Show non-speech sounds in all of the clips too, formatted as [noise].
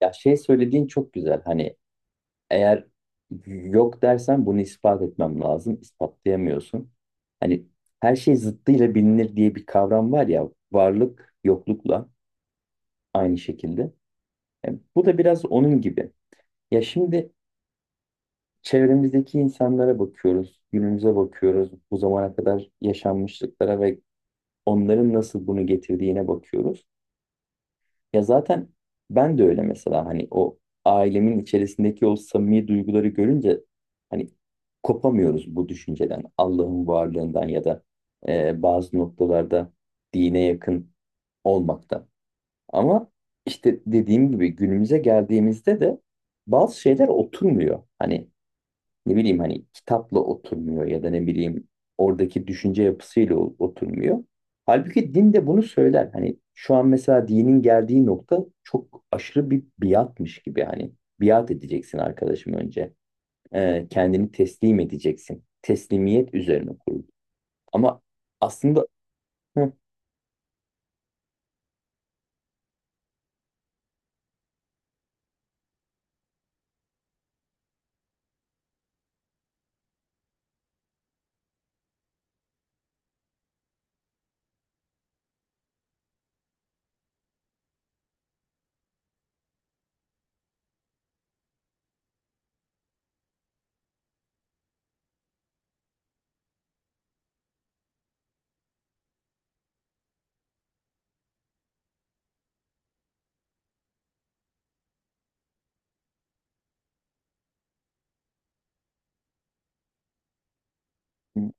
Ya şey söylediğin çok güzel. Hani eğer yok dersen bunu ispat etmem lazım. İspatlayamıyorsun. Hani her şey zıttıyla bilinir diye bir kavram var ya. Varlık yoklukla aynı şekilde. E, bu da biraz onun gibi. Ya şimdi çevremizdeki insanlara bakıyoruz. Günümüze bakıyoruz. Bu zamana kadar yaşanmışlıklara ve onların nasıl bunu getirdiğine bakıyoruz. Ya zaten ben de öyle mesela hani o ailemin içerisindeki o samimi duyguları görünce hani kopamıyoruz bu düşünceden, Allah'ın varlığından ya da bazı noktalarda dine yakın olmaktan. Ama işte dediğim gibi günümüze geldiğimizde de bazı şeyler oturmuyor. Hani ne bileyim hani kitapla oturmuyor ya da ne bileyim oradaki düşünce yapısıyla oturmuyor. Halbuki din de bunu söyler. Hani şu an mesela dinin geldiği nokta çok aşırı bir biatmış gibi hani biat edeceksin arkadaşım önce. Kendini teslim edeceksin. Teslimiyet üzerine kurulu. Ama aslında. Hı. Hı.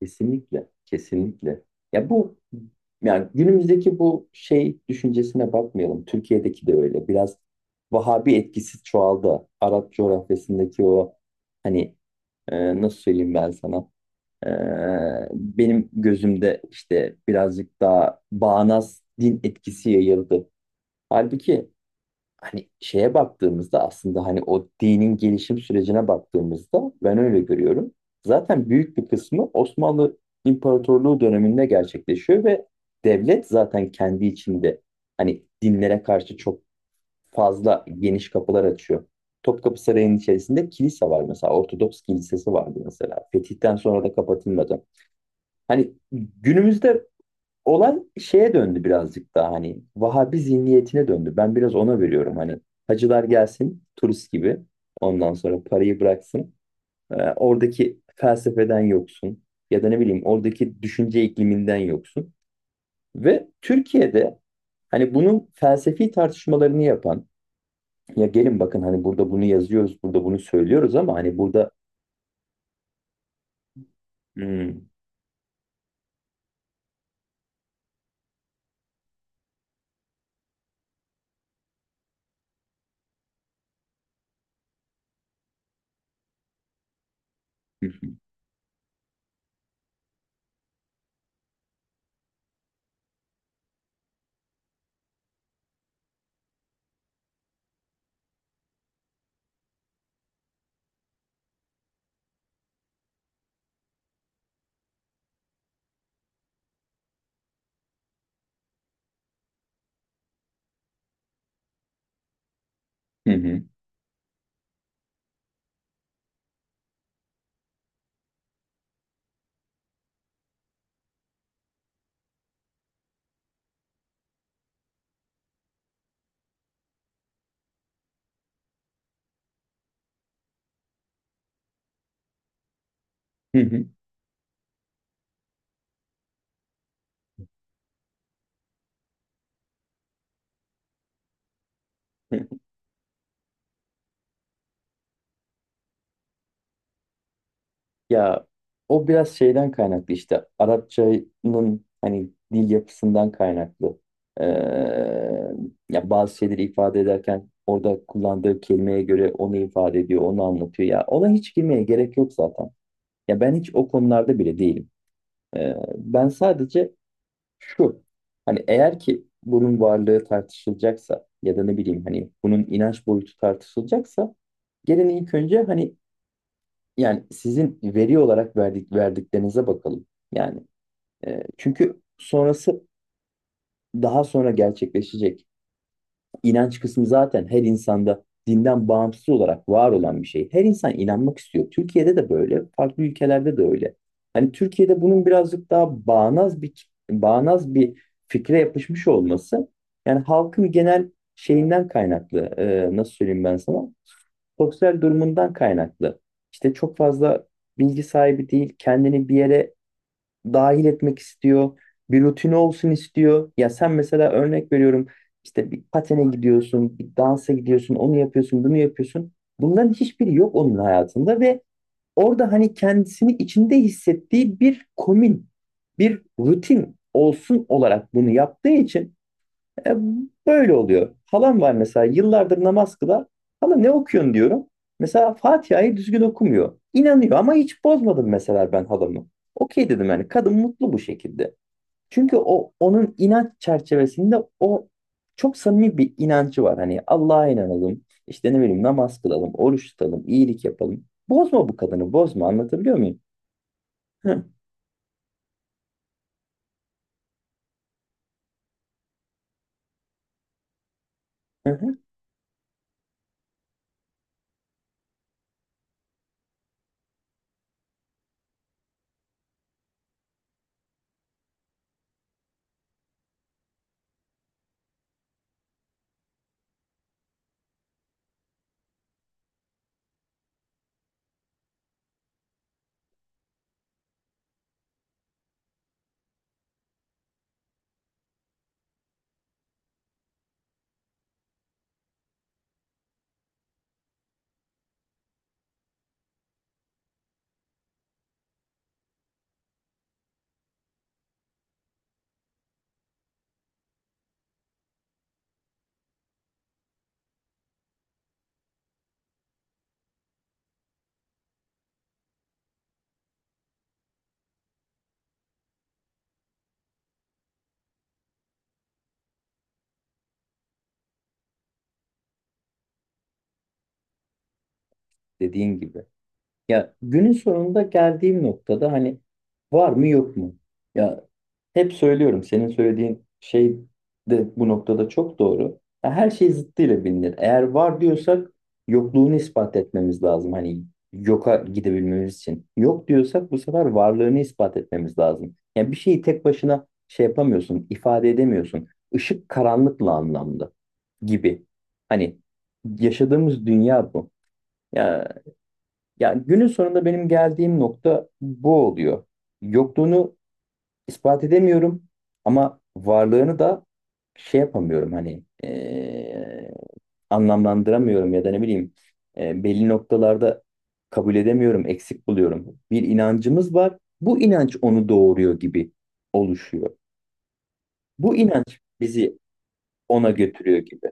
Kesinlikle, kesinlikle. Ya bu yani günümüzdeki bu şey düşüncesine bakmayalım. Türkiye'deki de öyle. Biraz Vahabi etkisi çoğaldı. Arap coğrafyasındaki o hani nasıl söyleyeyim ben sana? E, benim gözümde işte birazcık daha bağnaz din etkisi yayıldı. Halbuki hani şeye baktığımızda aslında hani o dinin gelişim sürecine baktığımızda ben öyle görüyorum. Zaten büyük bir kısmı Osmanlı İmparatorluğu döneminde gerçekleşiyor ve devlet zaten kendi içinde hani dinlere karşı çok fazla geniş kapılar açıyor. Topkapı Sarayı'nın içerisinde kilise var mesela. Ortodoks kilisesi vardı mesela. Fetih'ten sonra da kapatılmadı. Hani günümüzde olan şeye döndü, birazcık daha hani Vahabi zihniyetine döndü. Ben biraz ona veriyorum, hani hacılar gelsin turist gibi ondan sonra parayı bıraksın. Oradaki felsefeden yoksun ya da ne bileyim oradaki düşünce ikliminden yoksun. Ve Türkiye'de hani bunun felsefi tartışmalarını yapan ya gelin bakın hani burada bunu yazıyoruz, burada bunu söylüyoruz, ama hani burada. Hmm. Hı hı. Hı hı. Hı hı. Hı. Ya o biraz şeyden kaynaklı, işte Arapçanın hani dil yapısından kaynaklı. Ee, Ya bazı şeyleri ifade ederken orada kullandığı kelimeye göre onu ifade ediyor, onu anlatıyor. Ya ona hiç girmeye gerek yok zaten. Ya ben hiç o konularda bile değilim. Ben sadece şu hani eğer ki bunun varlığı tartışılacaksa ya da ne bileyim hani bunun inanç boyutu tartışılacaksa gelin ilk önce hani yani sizin veri olarak verdik, verdiklerinize bakalım. Yani çünkü sonrası daha sonra gerçekleşecek. İnanç kısmı zaten her insanda dinden bağımsız olarak var olan bir şey. Her insan inanmak istiyor. Türkiye'de de böyle, farklı ülkelerde de öyle. Hani Türkiye'de bunun birazcık daha bağnaz bir fikre yapışmış olması yani halkın genel şeyinden kaynaklı, nasıl söyleyeyim ben sana, sosyal durumundan kaynaklı. İşte çok fazla bilgi sahibi değil, kendini bir yere dahil etmek istiyor. Bir rutini olsun istiyor. Ya sen mesela örnek veriyorum işte bir patene gidiyorsun, bir dansa gidiyorsun, onu yapıyorsun, bunu yapıyorsun. Bunların hiçbiri yok onun hayatında ve orada hani kendisini içinde hissettiği bir komün, bir rutin olsun olarak bunu yaptığı için e, böyle oluyor. Halam var mesela, yıllardır namaz kılar. Hala ne okuyorsun diyorum. Mesela Fatiha'yı düzgün okumuyor. İnanıyor, ama hiç bozmadım mesela ben halamı. Okey dedim, yani kadın mutlu bu şekilde. Çünkü o onun inanç çerçevesinde o çok samimi bir inancı var. Hani Allah'a inanalım, işte ne bileyim namaz kılalım, oruç tutalım, iyilik yapalım. Bozma bu kadını, bozma, anlatabiliyor muyum? Hı, hı, hı. Dediğin gibi. Ya günün sonunda geldiğim noktada hani var mı yok mu? Ya, hep söylüyorum, senin söylediğin şey de bu noktada çok doğru. Ya her şey zıttıyla bilinir. Eğer var diyorsak yokluğunu ispat etmemiz lazım. Hani yoka gidebilmemiz için. Yok diyorsak bu sefer varlığını ispat etmemiz lazım. Yani bir şeyi tek başına şey yapamıyorsun, ifade edemiyorsun. Işık karanlıkla anlamda gibi. Hani yaşadığımız dünya bu. Ya, ya, günün sonunda benim geldiğim nokta bu oluyor. Yokluğunu ispat edemiyorum, ama varlığını da şey yapamıyorum, hani anlamlandıramıyorum ya da ne bileyim, belli noktalarda kabul edemiyorum, eksik buluyorum. Bir inancımız var. Bu inanç onu doğuruyor gibi oluşuyor. Bu inanç bizi ona götürüyor gibi.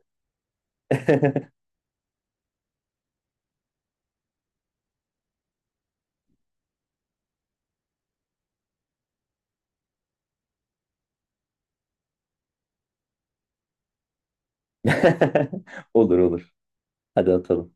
[laughs] Olur olur. Hadi atalım.